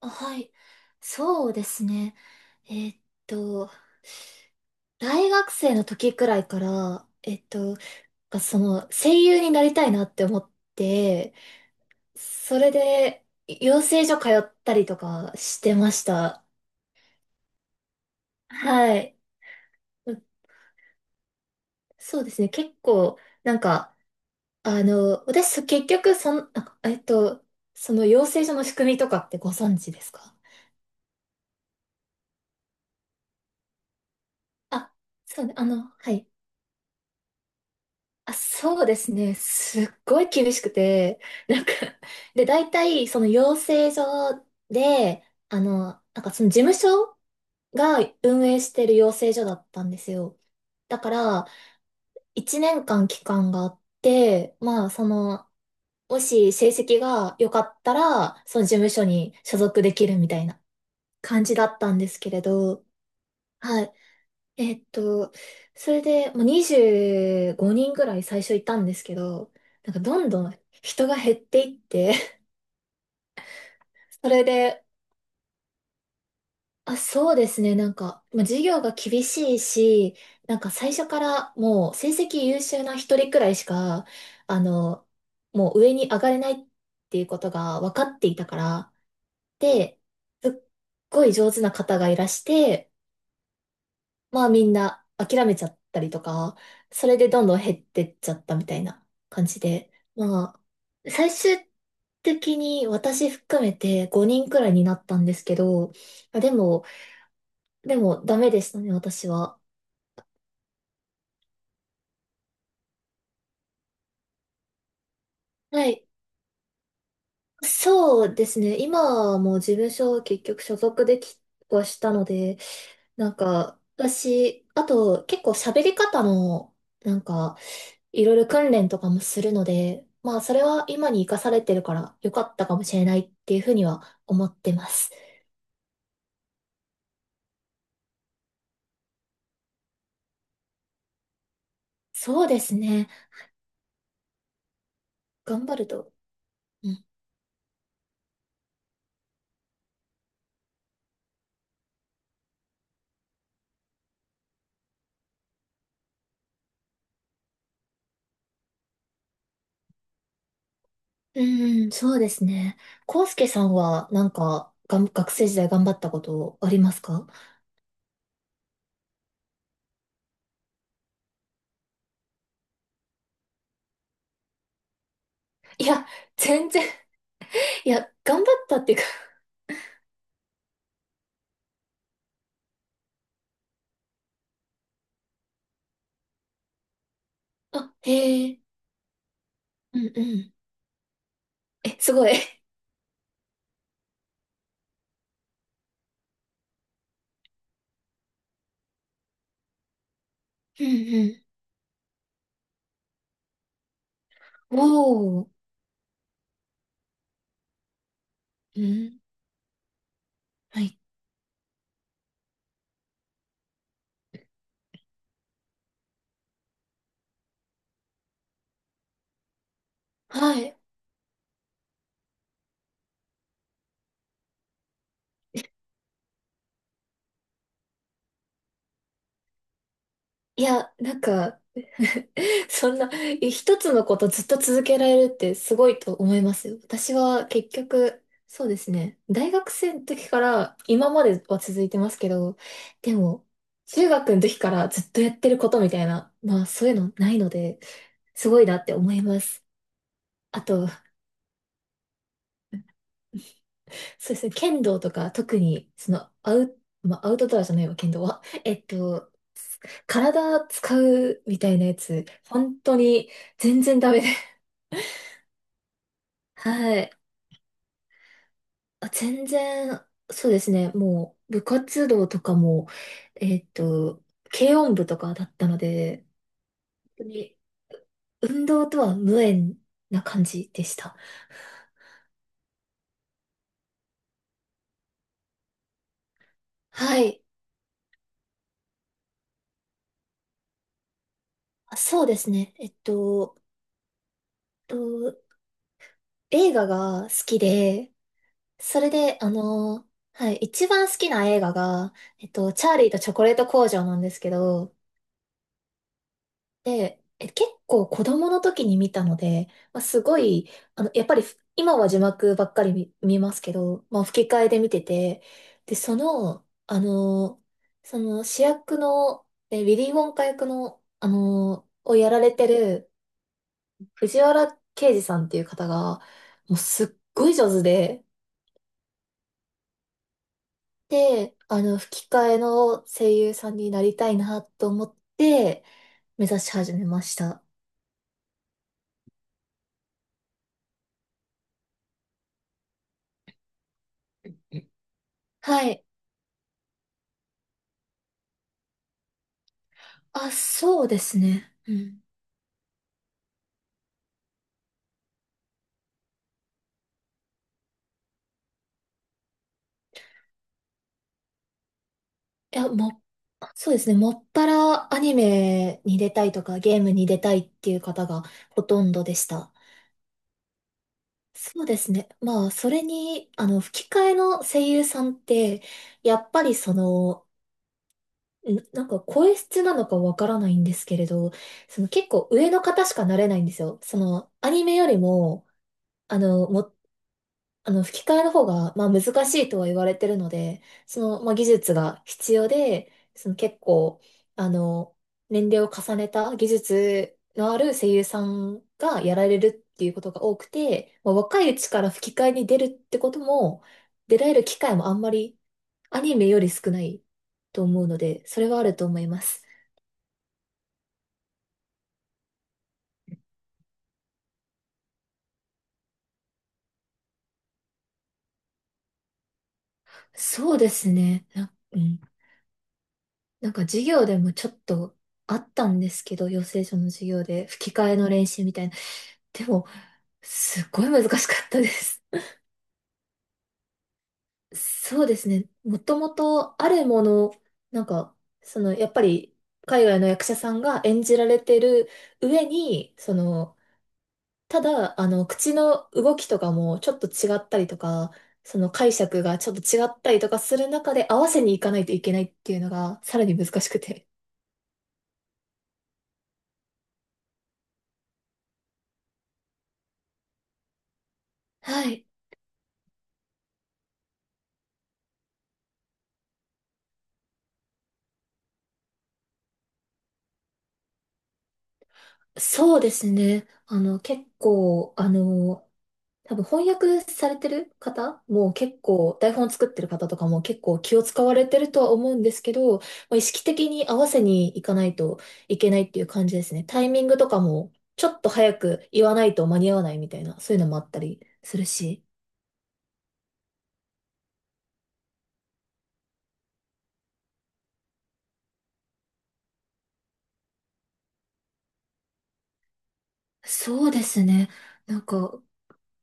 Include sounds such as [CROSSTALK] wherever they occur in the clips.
あ、はい。そうですね。えーっと、大学生の時くらいから、その声優になりたいなって思って、それで養成所通ったりとかしてました。はい。うそうですね。結構、なんか、あの、私、そ結局、そん、あ、えーっと、その養成所の仕組みとかってご存知ですか？あ、そうね。はい。あ、そうですね。すっごい厳しくて、なんか [LAUGHS] で、大体、その養成所で、なんかその事務所が運営してる養成所だったんですよ。だから、1年間期間があって、まあ、その、もし成績が良かったら、その事務所に所属できるみたいな感じだったんですけれど、はい。えっと、それで、もう25人ぐらい最初いたんですけど、なんかどんどん人が減っていって、[LAUGHS] それで、あ、そうですね、なんか、まあ、授業が厳しいし、なんか最初からもう成績優秀な一人くらいしか、あの、もう上に上がれないっていうことが分かっていたから、で、すっごい上手な方がいらして、まあみんな諦めちゃったりとか、それでどんどん減ってっちゃったみたいな感じで、まあ、最終的に私含めて5人くらいになったんですけど、まあでも、ダメでしたね、私は。はい。そうですね。今はもう事務所を結局所属できはしたので、なんか、私、あと結構喋り方の、なんか、いろいろ訓練とかもするので、まあ、それは今に活かされてるから良かったかもしれないっていうふうには思ってます。そうですね。頑張ると。うん、うん、そうですね。康介さんは、なんか、学生時代頑張ったことありますか？いや、全然、いや、頑張ったっていうかあ、へえ。うんうん。え、すごい。うんうん。おお。うん。はい。はい。いや、なんか [LAUGHS] そんな、一つのことずっと続けられるってすごいと思いますよ。私は結局、そうですね。大学生の時から今までは続いてますけど、でも、中学の時からずっとやってることみたいな、まあそういうのないので、すごいなって思います。あと、そうですね。剣道とか、特に、その、まあ、アウトドアじゃないわ、剣道は。[LAUGHS] 体使うみたいなやつ、本当に全然ダメで。[LAUGHS] はい。全然、そうですね。もう、部活動とかも、えっと、軽音部とかだったので、本当に運動とは無縁な感じでした。はい。そうですね。と映画が好きで、それで、はい、一番好きな映画が、チャーリーとチョコレート工場なんですけど、で、結構子供の時に見たので、まあ、すごい、やっぱり今は字幕ばっかり見ますけど、まあ、吹き替えで見てて、で、その主役の、ウィリー・ウォンカ役の、をやられてる藤原啓治さんっていう方が、もうすっごい上手で、で、吹き替えの声優さんになりたいなと思って、目指し始めました。はい。あ、そうですね。うん。いや、もう、そうですね。もっぱらアニメに出たいとか、ゲームに出たいっていう方がほとんどでした。そうですね。まあ、それに、吹き替えの声優さんって、やっぱりその、なんか声質なのかわからないんですけれど、その結構上の方しかなれないんですよ。その、アニメよりも、あの、も、吹き替えの方が、まあ、難しいとは言われてるので、その、まあ、技術が必要で、その結構、あの、年齢を重ねた技術のある声優さんがやられるっていうことが多くて、まあ、若いうちから吹き替えに出るってことも、出られる機会もあんまりアニメより少ないと思うので、それはあると思います。そうですね。なんか授業でもちょっとあったんですけど、養成所の授業で吹き替えの練習みたいな。でも、すっごい難しかったです。そうですね。もともとあるもの、なんか、その、やっぱり海外の役者さんが演じられてる上に、その、ただ、口の動きとかもちょっと違ったりとか、その解釈がちょっと違ったりとかする中で合わせにいかないといけないっていうのがさらに難しくて。はい。そうですね。結構、多分翻訳されてる方も結構、台本作ってる方とかも結構気を使われてるとは思うんですけど、まあ、意識的に合わせにいかないといけないっていう感じですね。タイミングとかも、ちょっと早く言わないと間に合わないみたいな、そういうのもあったりするし。そうですね。なんか、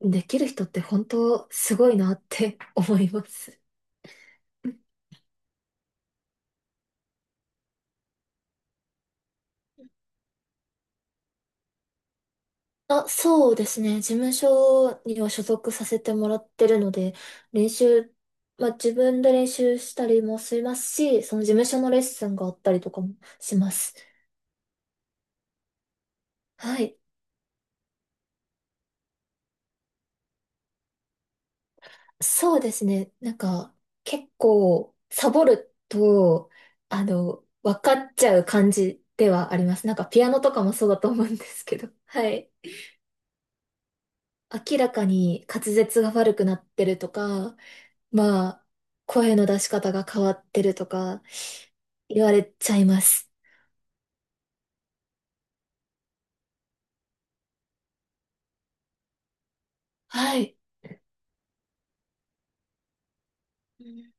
できる人って本当すごいなって [LAUGHS] 思います。あ、そうですね。事務所には所属させてもらってるので、練習、まあ自分で練習したりもしますし、その事務所のレッスンがあったりとかもします。はい。そうですね。なんか、結構、サボると、分かっちゃう感じではあります。なんか、ピアノとかもそうだと思うんですけど。[LAUGHS] はい。明らかに滑舌が悪くなってるとか、まあ、声の出し方が変わってるとか、言われちゃいます。はい。うん、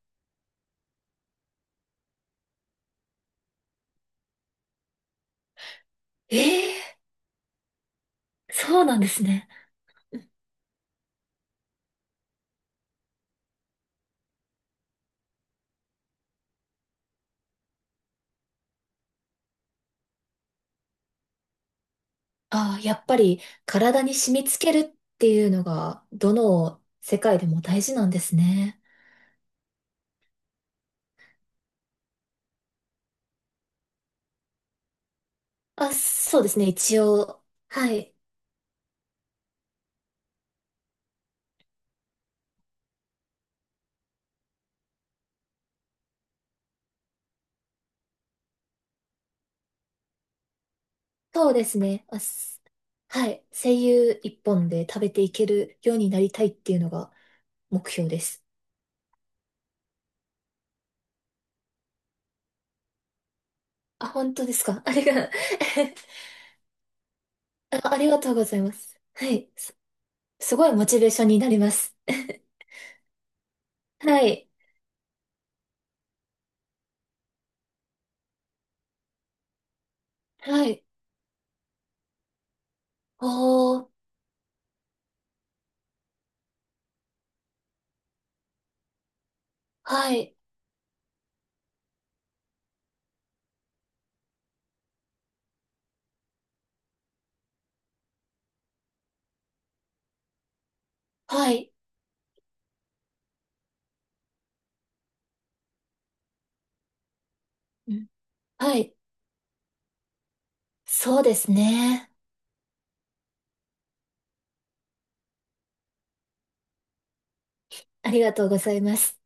ええ、そうなんですね。ああ、やっぱり体に染み付けるっていうのが、どの世界でも大事なんですね。あ、そうですね、一応。はい。そうですね。あ、はい。声優一本で食べていけるようになりたいっていうのが目標です。あ、本当ですか。[LAUGHS] ありが、[LAUGHS] あ、ありがとうございます。はい。すごいモチベーションになります。[LAUGHS] はい。はい。おー。はい。はい。うん、はい。そうですね。ありがとうございます。